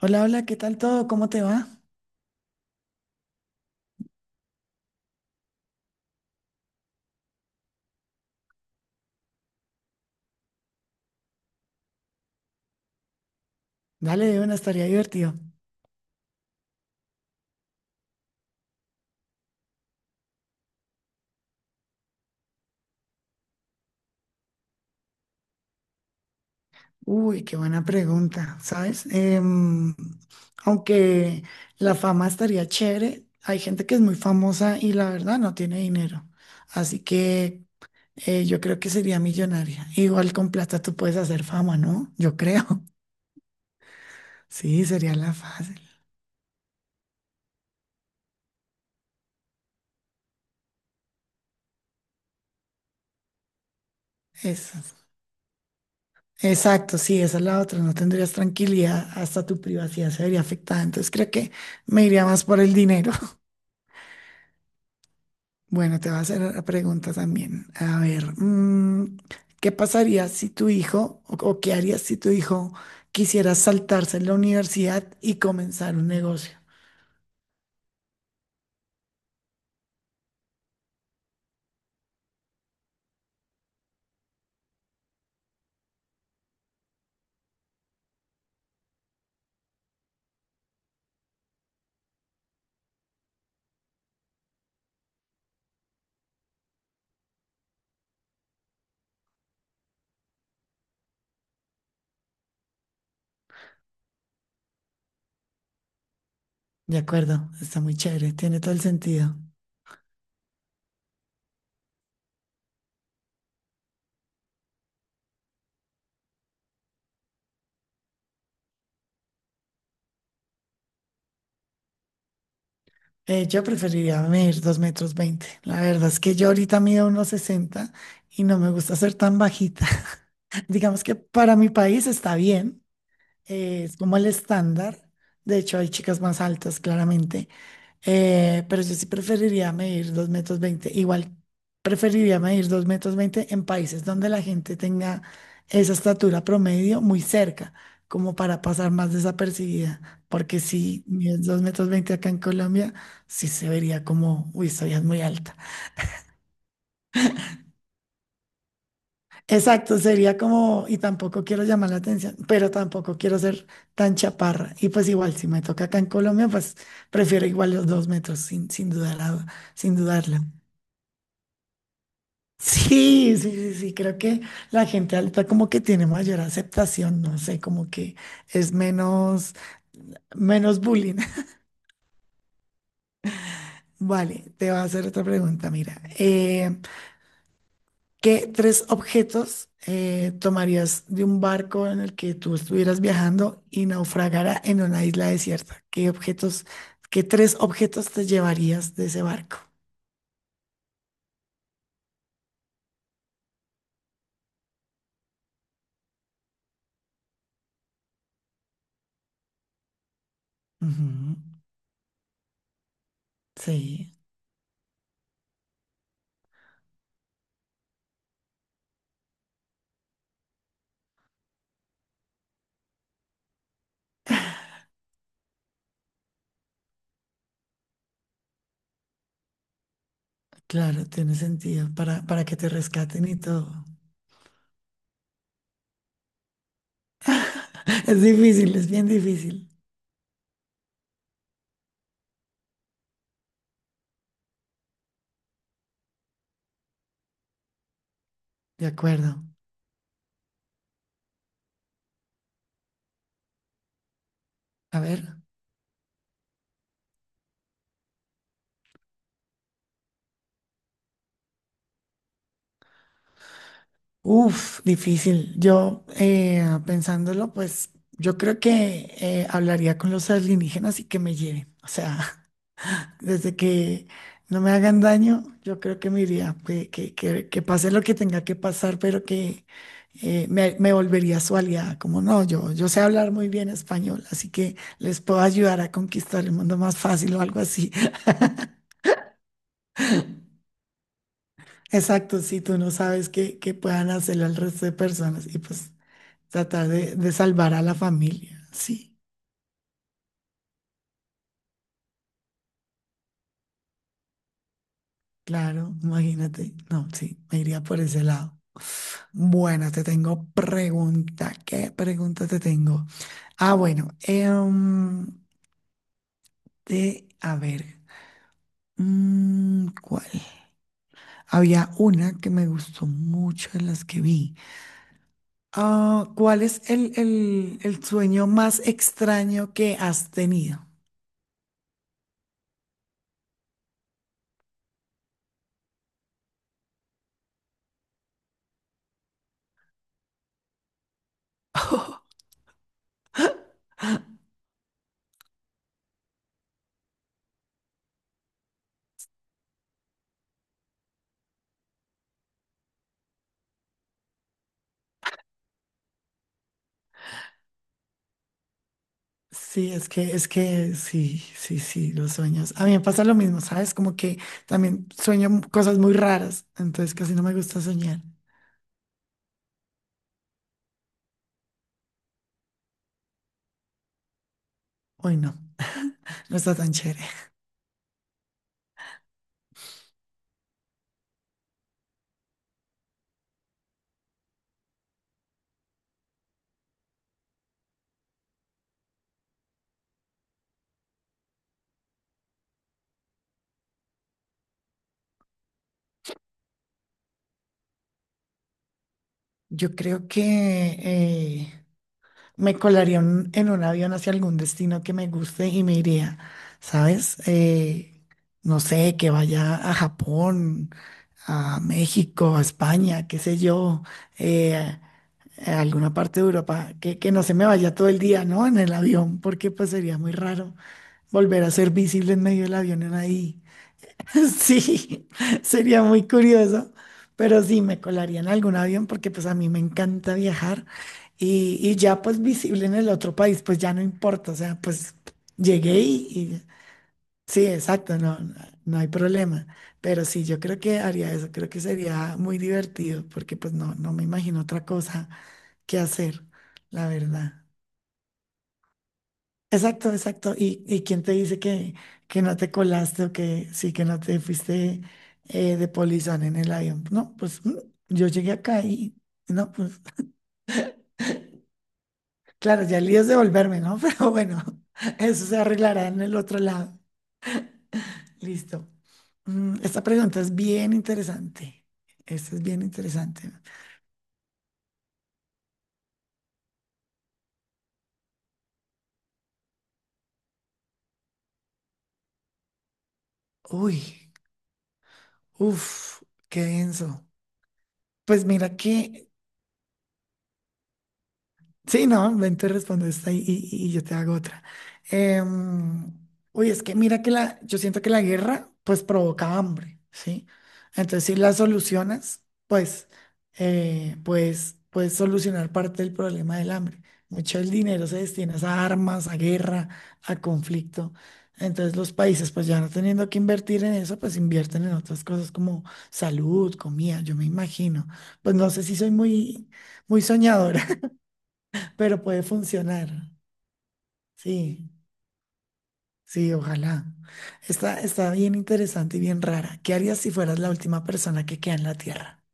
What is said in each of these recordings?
Hola, hola, ¿qué tal todo? ¿Cómo te va? Dale, de una estaría divertido. Uy, qué buena pregunta, ¿sabes? Aunque la fama estaría chévere, hay gente que es muy famosa y la verdad no tiene dinero. Así que yo creo que sería millonaria. Igual con plata tú puedes hacer fama, ¿no? Yo creo. Sí, sería la fácil. Eso. Exacto, sí, esa es la otra. No tendrías tranquilidad, hasta tu privacidad se vería afectada. Entonces creo que me iría más por el dinero. Bueno, te voy a hacer la pregunta también. A ver, ¿qué pasaría si tu hijo, o qué harías si tu hijo quisiera saltarse la universidad y comenzar un negocio? De acuerdo, está muy chévere, tiene todo el sentido. Yo preferiría medir dos metros veinte. La verdad es que yo ahorita mido unos 60 y no me gusta ser tan bajita. Digamos que para mi país está bien, es como el estándar. De hecho, hay chicas más altas, claramente. Pero yo sí preferiría medir 2 metros veinte. Igual preferiría medir 2 metros 20 en países donde la gente tenga esa estatura promedio muy cerca, como para pasar más desapercibida. Porque si mides 2 metros 20 acá en Colombia, sí se vería como, uy, soy es muy alta. Exacto, sería como, y tampoco quiero llamar la atención, pero tampoco quiero ser tan chaparra. Y pues igual, si me toca acá en Colombia, pues prefiero igual los 2 metros, sin dudarlo. Sí, sí, sí, sí, creo que la gente alta como que tiene mayor aceptación, no sé, como que es menos, bullying. Vale, te voy a hacer otra pregunta, mira. ¿Qué tres objetos tomarías de un barco en el que tú estuvieras viajando y naufragara en una isla desierta? ¿Qué objetos, qué tres objetos te llevarías de ese barco? Ujú. Sí, claro, tiene sentido para, que te rescaten y todo. Es difícil, es bien difícil. De acuerdo. A ver. Uf, difícil. Yo, pensándolo, pues yo creo que hablaría con los alienígenas y que me lleven. O sea, desde que no me hagan daño, yo creo que me iría, que pase lo que tenga que pasar, pero que me volvería su aliada. Como no, yo sé hablar muy bien español, así que les puedo ayudar a conquistar el mundo más fácil o algo así. Exacto, si tú no sabes qué, puedan hacerle al resto de personas y pues tratar de salvar a la familia. Sí, claro, imagínate. No, sí, me iría por ese lado. Bueno, te tengo pregunta. ¿Qué pregunta te tengo? Ah, bueno, a ver, ¿cuál? Había una que me gustó mucho de las que vi. Ah, ¿cuál es el, el sueño más extraño que has tenido? Sí, es que, sí, sí, sí, los sueños. A mí me pasa lo mismo, ¿sabes? Como que también cosas muy raras, entonces casi no me gusta soñar. Hoy no, no está tan chévere. Yo creo que eh, en un avión hacia algún destino que me guste y me iría, ¿sabes? No sé, que vaya a Japón, a México, a España, qué sé yo. eh, a alguna parte de Europa, que, no se me vaya todo el día, ¿no? En el avión, porque pues sería muy raro volver a ser visible en medio del avión en ahí. Sí, sería muy curioso, pero sí me colaría en algún avión porque pues a mí me encanta viajar y, ya pues visible en el otro país, pues ya no importa, o sea, pues llegué sí, exacto, no, no hay problema. Pero sí, yo creo que haría eso, creo que sería muy divertido porque pues no, no me imagino otra cosa qué hacer, la verdad. Exacto, exacto. ¿Y quién te dice que, no te colaste o que sí, que no te fuiste de polizón en el avión? No, pues yo llegué acá y no, pues claro, ya el lío es devolverme, ¿no? Pero bueno, eso se arreglará en el otro lado. Listo. Esta pregunta es bien interesante. Esta es bien interesante. Uy, uff, qué denso. Pues mira que. Sí, no, ven, tú respondes esta y yo te hago otra. Em, Uy, es que mira que yo siento que la guerra pues provoca hambre, ¿sí? Entonces, si la solucionas, pues, pues puedes solucionar parte del problema del hambre. Mucho del dinero se destina a armas, a guerra, a conflicto. Entonces los países, pues ya no teniendo que invertir en eso, pues invierten en otras cosas como salud, comida, yo me imagino. Pues no sé si soy muy, muy soñadora. Pero puede funcionar. Sí, sí, ojalá. Está, bien interesante y bien rara. ¿Qué harías si fueras la última persona que queda en la Tierra?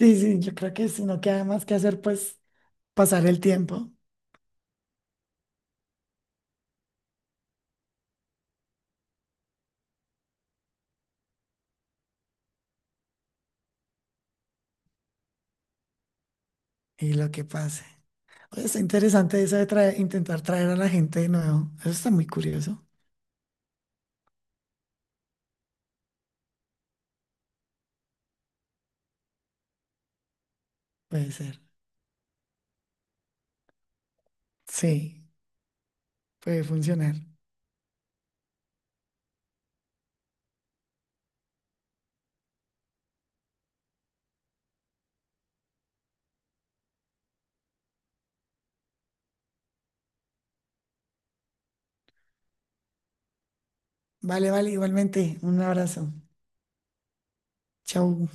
Sí, sí, yo creo que si no queda más que hacer, pues pasar el tiempo y lo que pase. Oye, está interesante eso de intentar traer a la gente de nuevo. Eso está muy curioso. Puede ser. Sí, puede funcionar. Vale, vale, igualmente. Un abrazo. Chau.